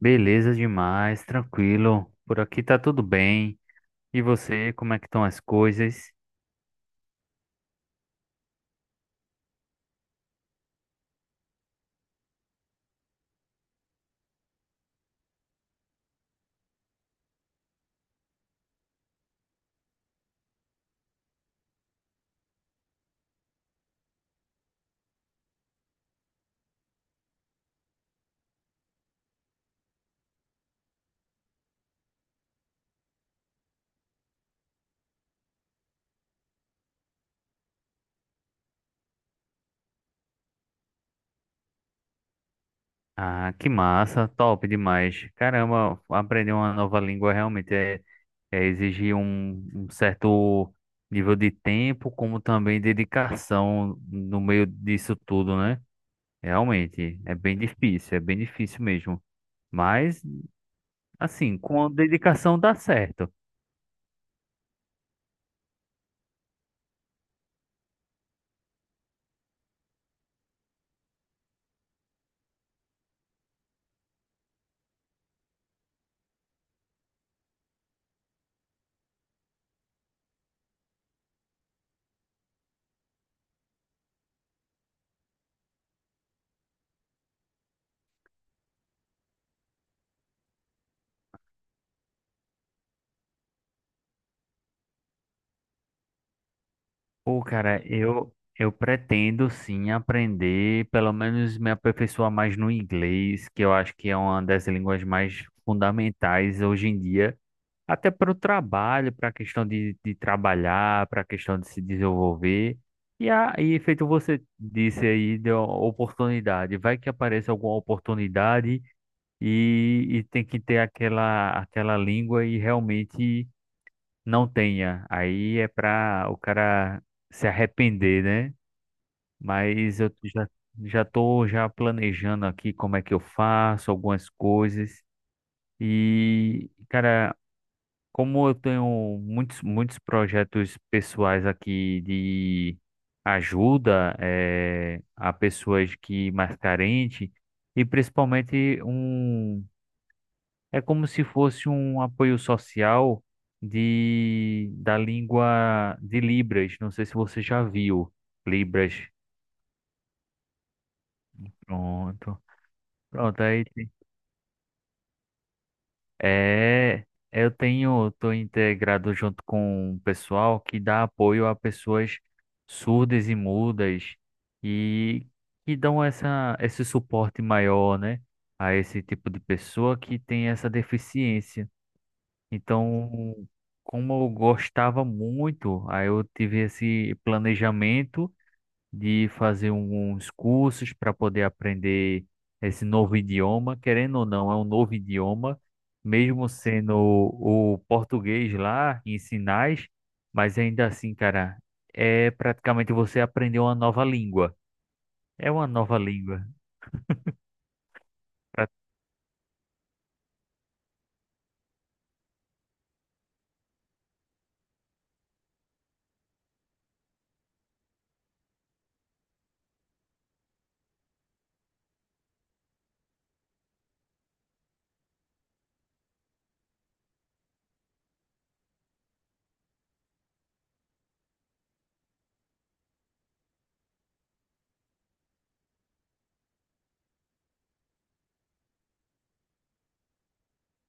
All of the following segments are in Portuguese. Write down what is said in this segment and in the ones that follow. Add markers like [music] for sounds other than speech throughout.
Beleza demais, tranquilo. Por aqui tá tudo bem. E você, como é que estão as coisas? Ah, que massa, top demais. Caramba, aprender uma nova língua realmente é exigir um certo nível de tempo, como também dedicação no meio disso tudo, né? Realmente, é bem difícil mesmo. Mas, assim, com dedicação dá certo. Pô, cara, eu pretendo sim aprender, pelo menos me aperfeiçoar mais no inglês, que eu acho que é uma das línguas mais fundamentais hoje em dia, até para o trabalho, para a questão de trabalhar, para a questão de se desenvolver. E aí, feito você disse aí, deu oportunidade. Vai que apareça alguma oportunidade e tem que ter aquela língua e realmente não tenha. Aí é pra o cara se arrepender, né? Mas eu já, já tô já planejando aqui como é que eu faço algumas coisas. E, cara, como eu tenho muitos projetos pessoais aqui de ajuda a pessoas que mais carentes, e principalmente é como se fosse um apoio social de da língua de Libras. Não sei se você já viu Libras. Pronto. Pronto, é, eu tenho, tô integrado junto com o pessoal que dá apoio a pessoas surdas e mudas e que dão essa esse suporte maior, né, a esse tipo de pessoa que tem essa deficiência. Então, como eu gostava muito, aí eu tive esse planejamento de fazer uns cursos para poder aprender esse novo idioma. Querendo ou não, é um novo idioma, mesmo sendo o português lá em sinais, mas ainda assim, cara, é praticamente você aprender uma nova língua. É uma nova língua. Pra-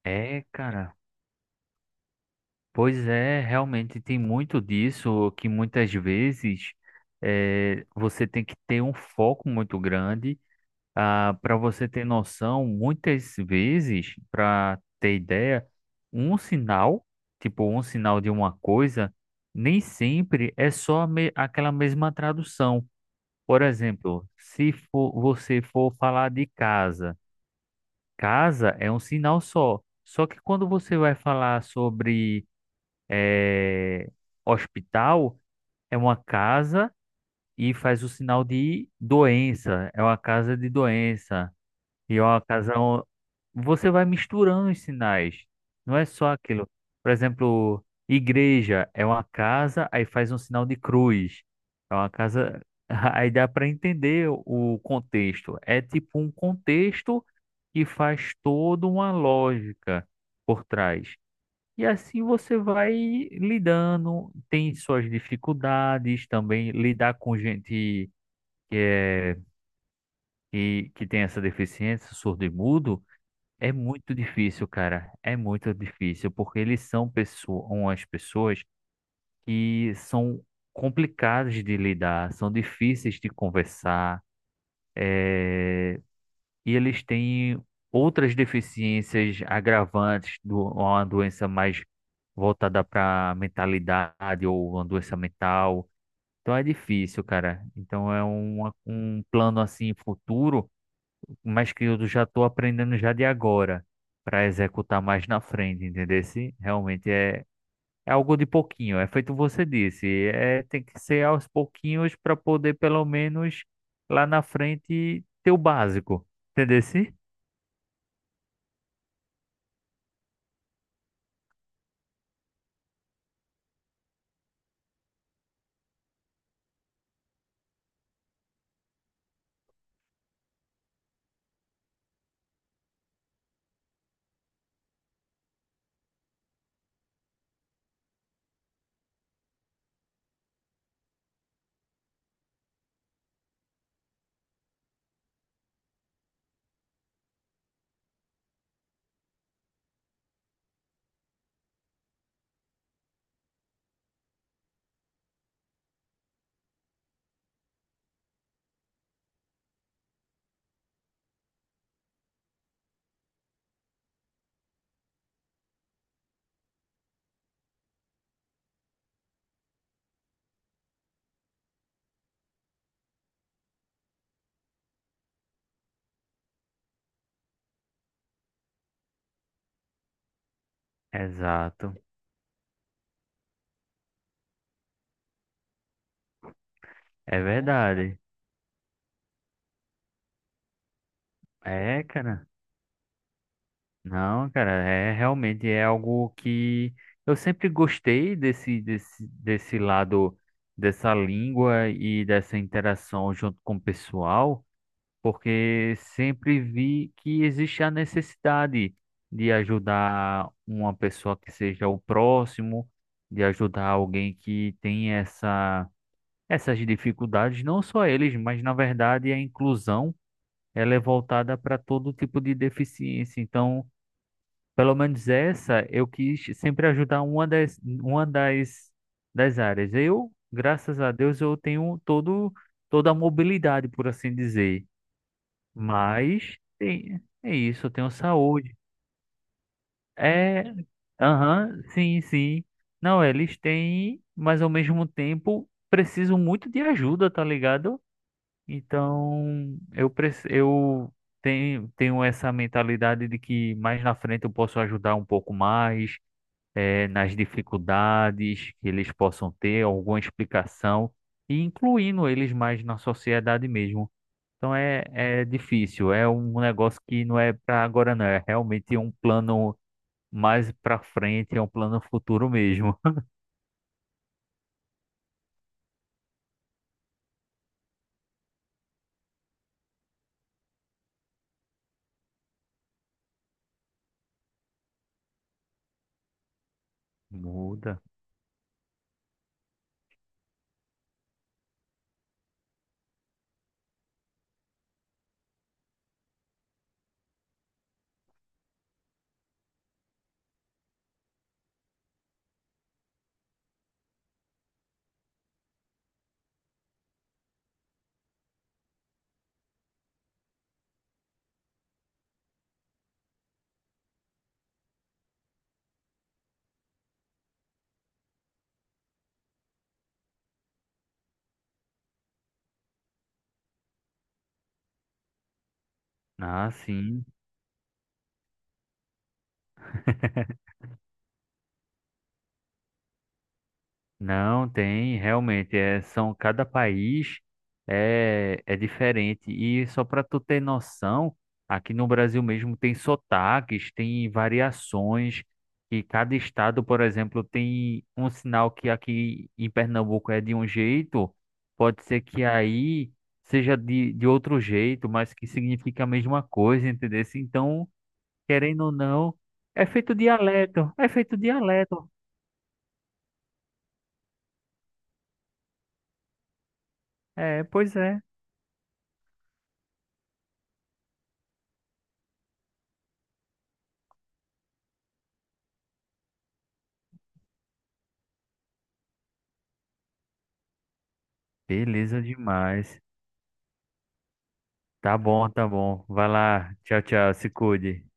É, cara. Pois é, realmente tem muito disso que muitas vezes você tem que ter um foco muito grande para você ter noção. Muitas vezes, para ter ideia, um sinal, tipo um sinal de uma coisa, nem sempre é só aquela mesma tradução. Por exemplo, se for, você for falar de casa, casa é um sinal só. Só que quando você vai falar sobre é, hospital é uma casa e faz o sinal de doença. É uma casa de doença. E é uma casa. Você vai misturando os sinais. Não é só aquilo. Por exemplo, igreja é uma casa, aí faz um sinal de cruz. É uma casa. [laughs] Aí dá para entender o contexto. É tipo um contexto que faz toda uma lógica por trás. E assim você vai lidando, tem suas dificuldades também, lidar com gente que é que tem essa deficiência, surdo e mudo, é muito difícil, cara. É muito difícil, porque eles são pessoas, umas pessoas que são complicadas de lidar, são difíceis de conversar, e eles têm outras deficiências agravantes do uma doença mais voltada para mentalidade ou uma doença mental. Então é difícil, cara. Então é um plano assim futuro, mas que eu já estou aprendendo já de agora para executar mais na frente, entendeu? Se realmente é, é algo de pouquinho, é feito você disse, é tem que ser aos pouquinhos para poder pelo menos lá na frente ter o básico, entendeu? Se? Exato, é verdade. É, cara. Não, cara, realmente é algo que eu sempre gostei desse lado dessa língua e dessa interação junto com o pessoal, porque sempre vi que existe a necessidade de ajudar uma pessoa que seja o próximo, de ajudar alguém que tem essas dificuldades, não só eles, mas na verdade a inclusão ela é voltada para todo tipo de deficiência. Então, pelo menos essa eu quis sempre ajudar das áreas. Eu, graças a Deus, toda a mobilidade, por assim dizer. Mas tem, é isso, eu tenho saúde. É, aham, sim, sim. Não, eles têm, mas ao mesmo tempo precisam muito de ajuda, tá ligado? Então, eu tenho, tenho essa mentalidade de que mais na frente eu posso ajudar um pouco mais nas dificuldades que eles possam ter, alguma explicação, e incluindo eles mais na sociedade mesmo. Então é difícil, é um negócio que não é para agora, não, é realmente um plano mais para frente, é um plano futuro mesmo. [laughs] Muda. Ah, sim. Não tem, realmente, são cada país é diferente. E só para tu ter noção, aqui no Brasil mesmo tem sotaques, tem variações, e cada estado, por exemplo, tem um sinal que aqui em Pernambuco é de um jeito, pode ser que aí seja de outro jeito, mas que significa a mesma coisa, entendeu? Então, querendo ou não, é feito dialeto, é feito dialeto. É, pois é. Beleza demais. Tá bom, tá bom. Vai lá. Tchau, tchau. Se cuide.